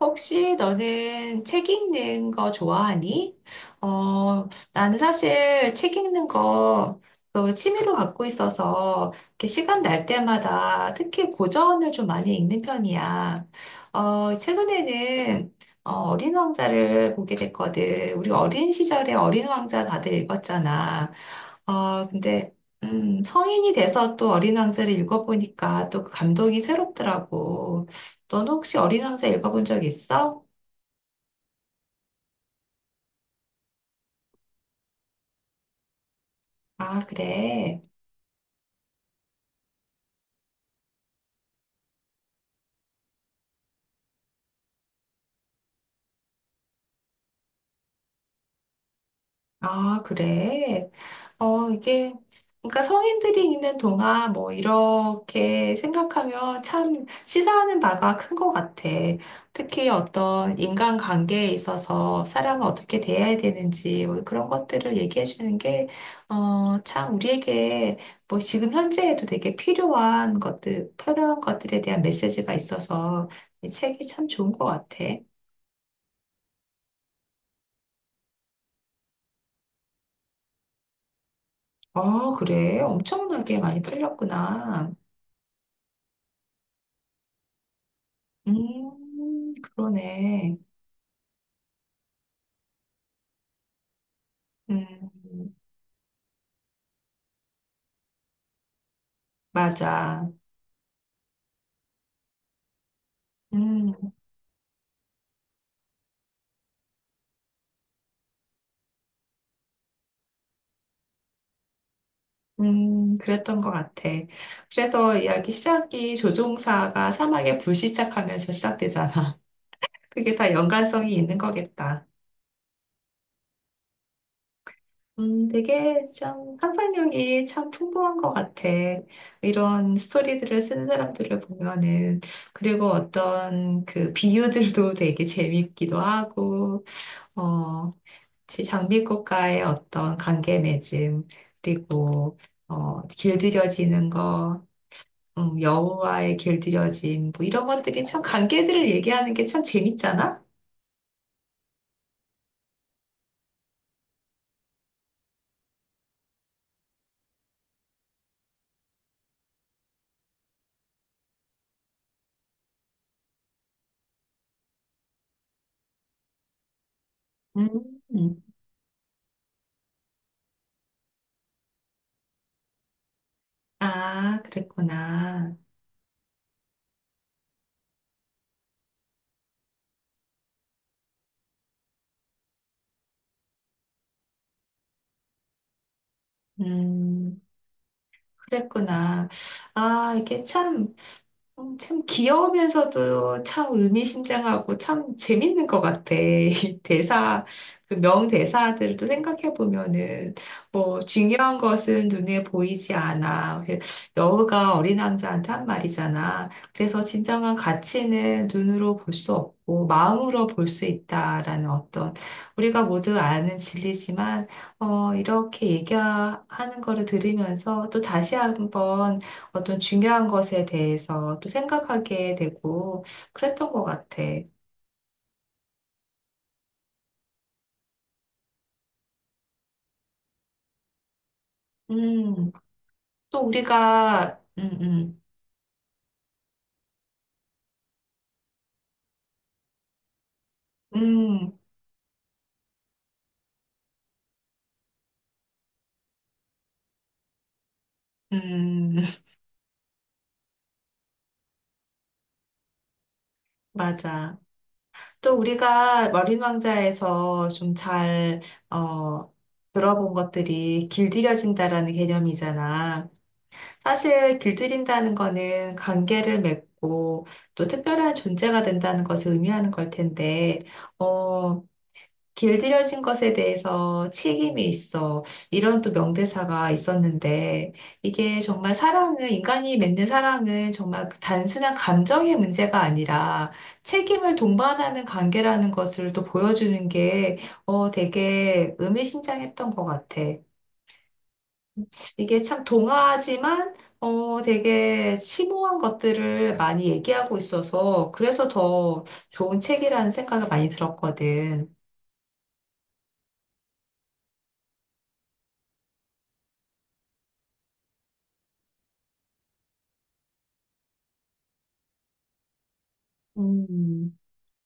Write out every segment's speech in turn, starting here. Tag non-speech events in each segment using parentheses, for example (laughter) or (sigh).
혹시 너는 책 읽는 거 좋아하니? 어, 나는 사실 책 읽는 거 그 취미로 갖고 있어서 이렇게 시간 날 때마다 특히 고전을 좀 많이 읽는 편이야. 최근에는 어린 왕자를 보게 됐거든. 우리 어린 시절에 어린 왕자 다들 읽었잖아. 근데, 성인이 돼서 또 어린 왕자를 읽어보니까 또 그 감동이 새롭더라고. 너는 혹시 어린 왕자 읽어본 적 있어? 아, 그래. 아, 그래. 이게, 그러니까 성인들이 읽는 동안 뭐 이렇게 생각하면 참 시사하는 바가 큰 것 같아. 특히 어떤 인간관계에 있어서 사람을 어떻게 대해야 되는지 뭐 그런 것들을 얘기해 주는 게, 참 우리에게 뭐 지금 현재에도 되게 필요한 것들, 필요한 것들에 대한 메시지가 있어서 이 책이 참 좋은 것 같아. 아, 그래. 엄청나게 많이 팔렸구나. 그러네. 음, 맞아. 음, 그랬던 것 같아. 그래서 이야기 시작이 조종사가 사막에 불시착하면서 시작되잖아. (laughs) 그게 다 연관성이 있는 거겠다. 되게 참 상상력이 참 풍부한 것 같아. 이런 스토리들을 쓰는 사람들을 보면은, 그리고 어떤 그 비유들도 되게 (laughs) 재밌기도 하고, 어, 장미꽃과의 어떤 관계 맺음, 그리고, 길들여지는 거, 여우와의 길들여짐, 뭐 이런 것들이 참 관계들을 얘기하는 게 참 재밌잖아? 음, 음. 아, 그랬구나. 음, 그랬구나. 아, 이게 참 참 귀여우면서도 참 의미심장하고 참 재밌는 것 같아. (laughs) 이 대사, 그 명대사들도 생각해 보면은 뭐 중요한 것은 눈에 보이지 않아. 그 여우가 어린 왕자한테 한 말이잖아. 그래서 진정한 가치는 눈으로 볼 수 없고 마음으로 볼 수 있다라는 어떤 우리가 모두 아는 진리지만 이렇게 얘기하는 거를 들으면서 또 다시 한번 어떤 중요한 것에 대해서 또 생각하게 되고 그랬던 것 같아. 음, 또 우리가, 음, 음, 음, (laughs) 맞아. 또 우리가 머린 왕자에서 좀 잘, 어, 들어본 것들이 길들여진다라는 개념이잖아. 사실 길들인다는 거는 관계를 맺고 또 특별한 존재가 된다는 것을 의미하는 걸 텐데, 어, 길들여진 것에 대해서 책임이 있어. 이런 또 명대사가 있었는데, 이게 정말 사랑은, 인간이 맺는 사랑은 정말 그 단순한 감정의 문제가 아니라 책임을 동반하는 관계라는 것을 또 보여주는 게, 되게 의미심장했던 것 같아. 이게 참 동화지만, 되게 심오한 것들을 많이 얘기하고 있어서, 그래서 더 좋은 책이라는 생각을 많이 들었거든. 음.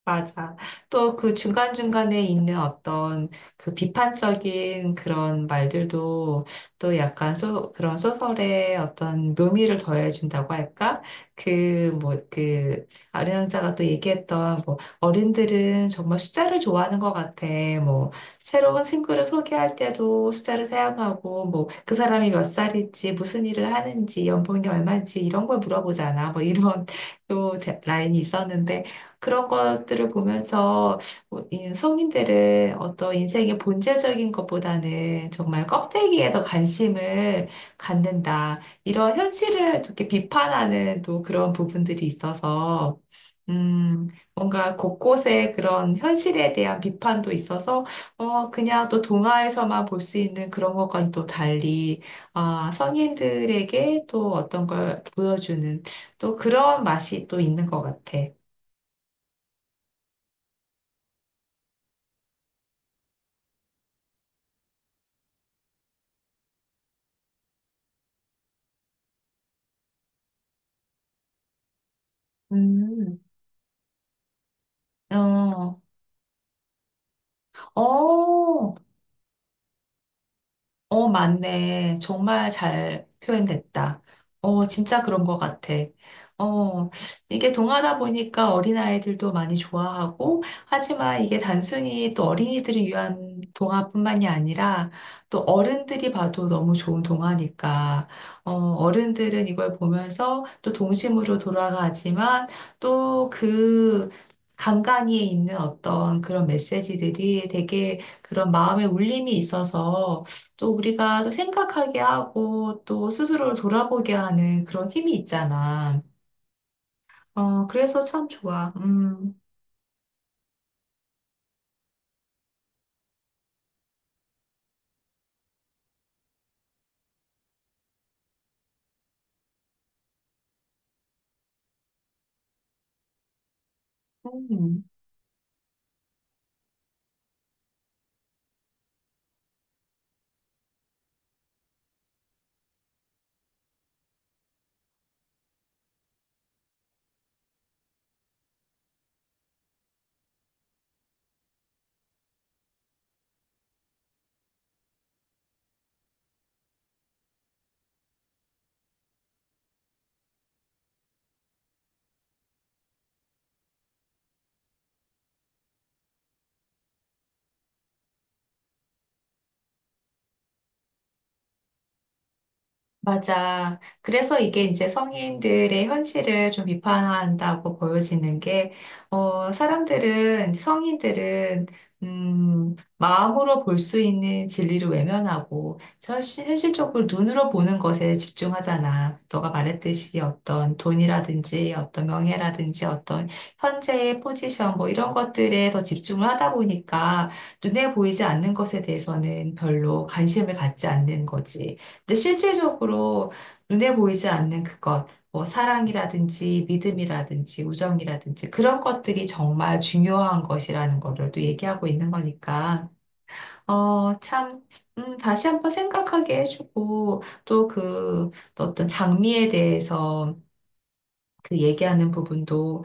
맞아. 또 그 중간중간에 있는 어떤 그 비판적인 그런 말들도 또 약간 소, 그런 소설에 어떤 묘미를 더해준다고 할까? 그, 뭐, 그, 아르랑자가 또 얘기했던 뭐, 어른들은 정말 숫자를 좋아하는 것 같아. 뭐, 새로운 친구를 소개할 때도 숫자를 사용하고, 뭐, 그 사람이 몇 살인지, 무슨 일을 하는지, 연봉이 얼마인지 이런 걸 물어보잖아. 뭐, 이런 또 라인이 있었는데, 그런 것들을 보면서 뭐이 성인들은 어떤 인생의 본질적인 것보다는 정말 껍데기에 더 관심을 갖는다. 이런 현실을 이렇게 비판하는 또 그런 부분들이 있어서, 음, 뭔가 곳곳에 그런 현실에 대한 비판도 있어서, 그냥 또 동화에서만 볼 수 있는 그런 것과는 또 달리, 아, 성인들에게 또 어떤 걸 보여주는 또 그런 맛이 또 있는 것 같아. 음, 어, 어, 어, 맞네. 정말 잘 표현됐다. 진짜 그런 것 같아. 어, 이게 동화다 보니까 어린아이들도 많이 좋아하고, 하지만 이게 단순히 또 어린이들을 위한 동화뿐만이 아니라, 또 어른들이 봐도 너무 좋은 동화니까, 어른들은 이걸 보면서 또 동심으로 돌아가지만, 또 그 간간이에 있는 어떤 그런 메시지들이 되게 그런 마음의 울림이 있어서, 또 우리가 또 생각하게 하고 또 스스로를 돌아보게 하는 그런 힘이 있잖아. 그래서 참 좋아. 음. 음. 맞아. 그래서 이게 이제 성인들의 현실을 좀 비판한다고 보여지는 게, 사람들은, 성인들은, 마음으로 볼 수 있는 진리를 외면하고, 현실적으로 눈으로 보는 것에 집중하잖아. 너가 말했듯이 어떤 돈이라든지, 어떤 명예라든지, 어떤 현재의 포지션, 뭐 이런 것들에 더 집중을 하다 보니까, 눈에 보이지 않는 것에 대해서는 별로 관심을 갖지 않는 거지. 근데 실질적으로 눈에 보이지 않는 그것, 뭐 사랑이라든지 믿음이라든지 우정이라든지 그런 것들이 정말 중요한 것이라는 거를 또 얘기하고 있는 거니까, 참, 다시 한 번 생각하게 해주고, 또 그 어떤 장미에 대해서 그 얘기하는 부분도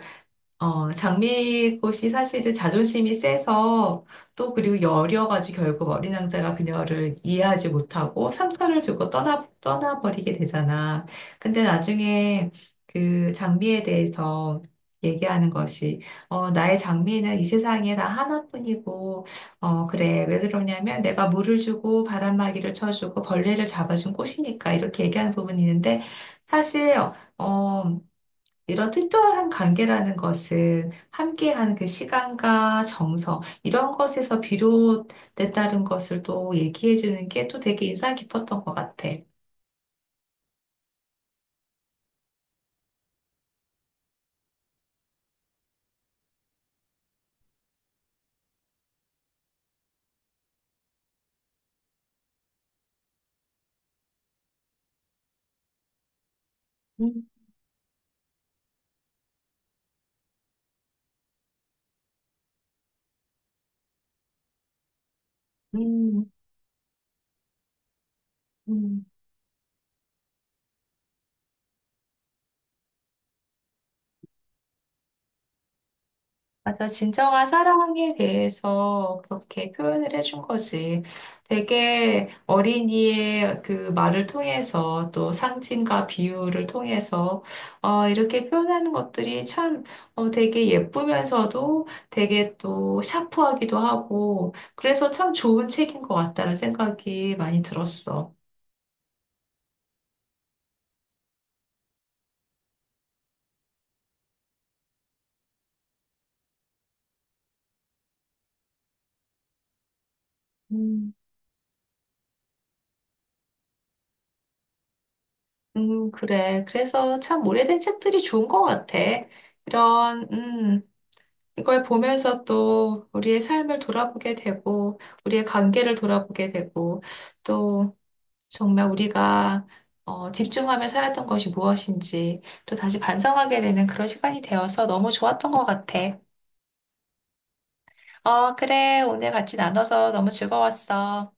장미꽃이 사실은 자존심이 세서 또 그리고 여려가지고 결국 어린 왕자가 그녀를 이해하지 못하고 상처를 주고 떠나, 떠나버리게 되잖아. 근데 나중에 그 장미에 대해서 얘기하는 것이, 나의 장미는 이 세상에 나 하나뿐이고, 어, 그래. 왜 그러냐면 내가 물을 주고 바람막이를 쳐주고 벌레를 잡아준 꽃이니까 이렇게 얘기하는 부분이 있는데 사실, 어, 이런 특별한 관계라는 것은 함께하는 그 시간과 정성, 이런 것에서 비롯됐다는 것을 또 얘기해 주는 게 또 되게 인상 깊었던 것 같아. 음, 음, 음. 맞아. 진정한 사랑에 대해서 그렇게 표현을 해준 거지. 되게 어린이의 그 말을 통해서 또 상징과 비유를 통해서 이렇게 표현하는 것들이 참 되게 예쁘면서도 되게 또 샤프하기도 하고 그래서 참 좋은 책인 것 같다는 생각이 많이 들었어. 음, 그래. 그래서 참 오래된 책들이 좋은 것 같아. 이런, 이걸 보면서 또 우리의 삶을 돌아보게 되고, 우리의 관계를 돌아보게 되고, 또 정말 우리가 집중하며 살았던 것이 무엇인지 또 다시 반성하게 되는 그런 시간이 되어서 너무 좋았던 것 같아. 어, 그래. 오늘 같이 나눠서 너무 즐거웠어.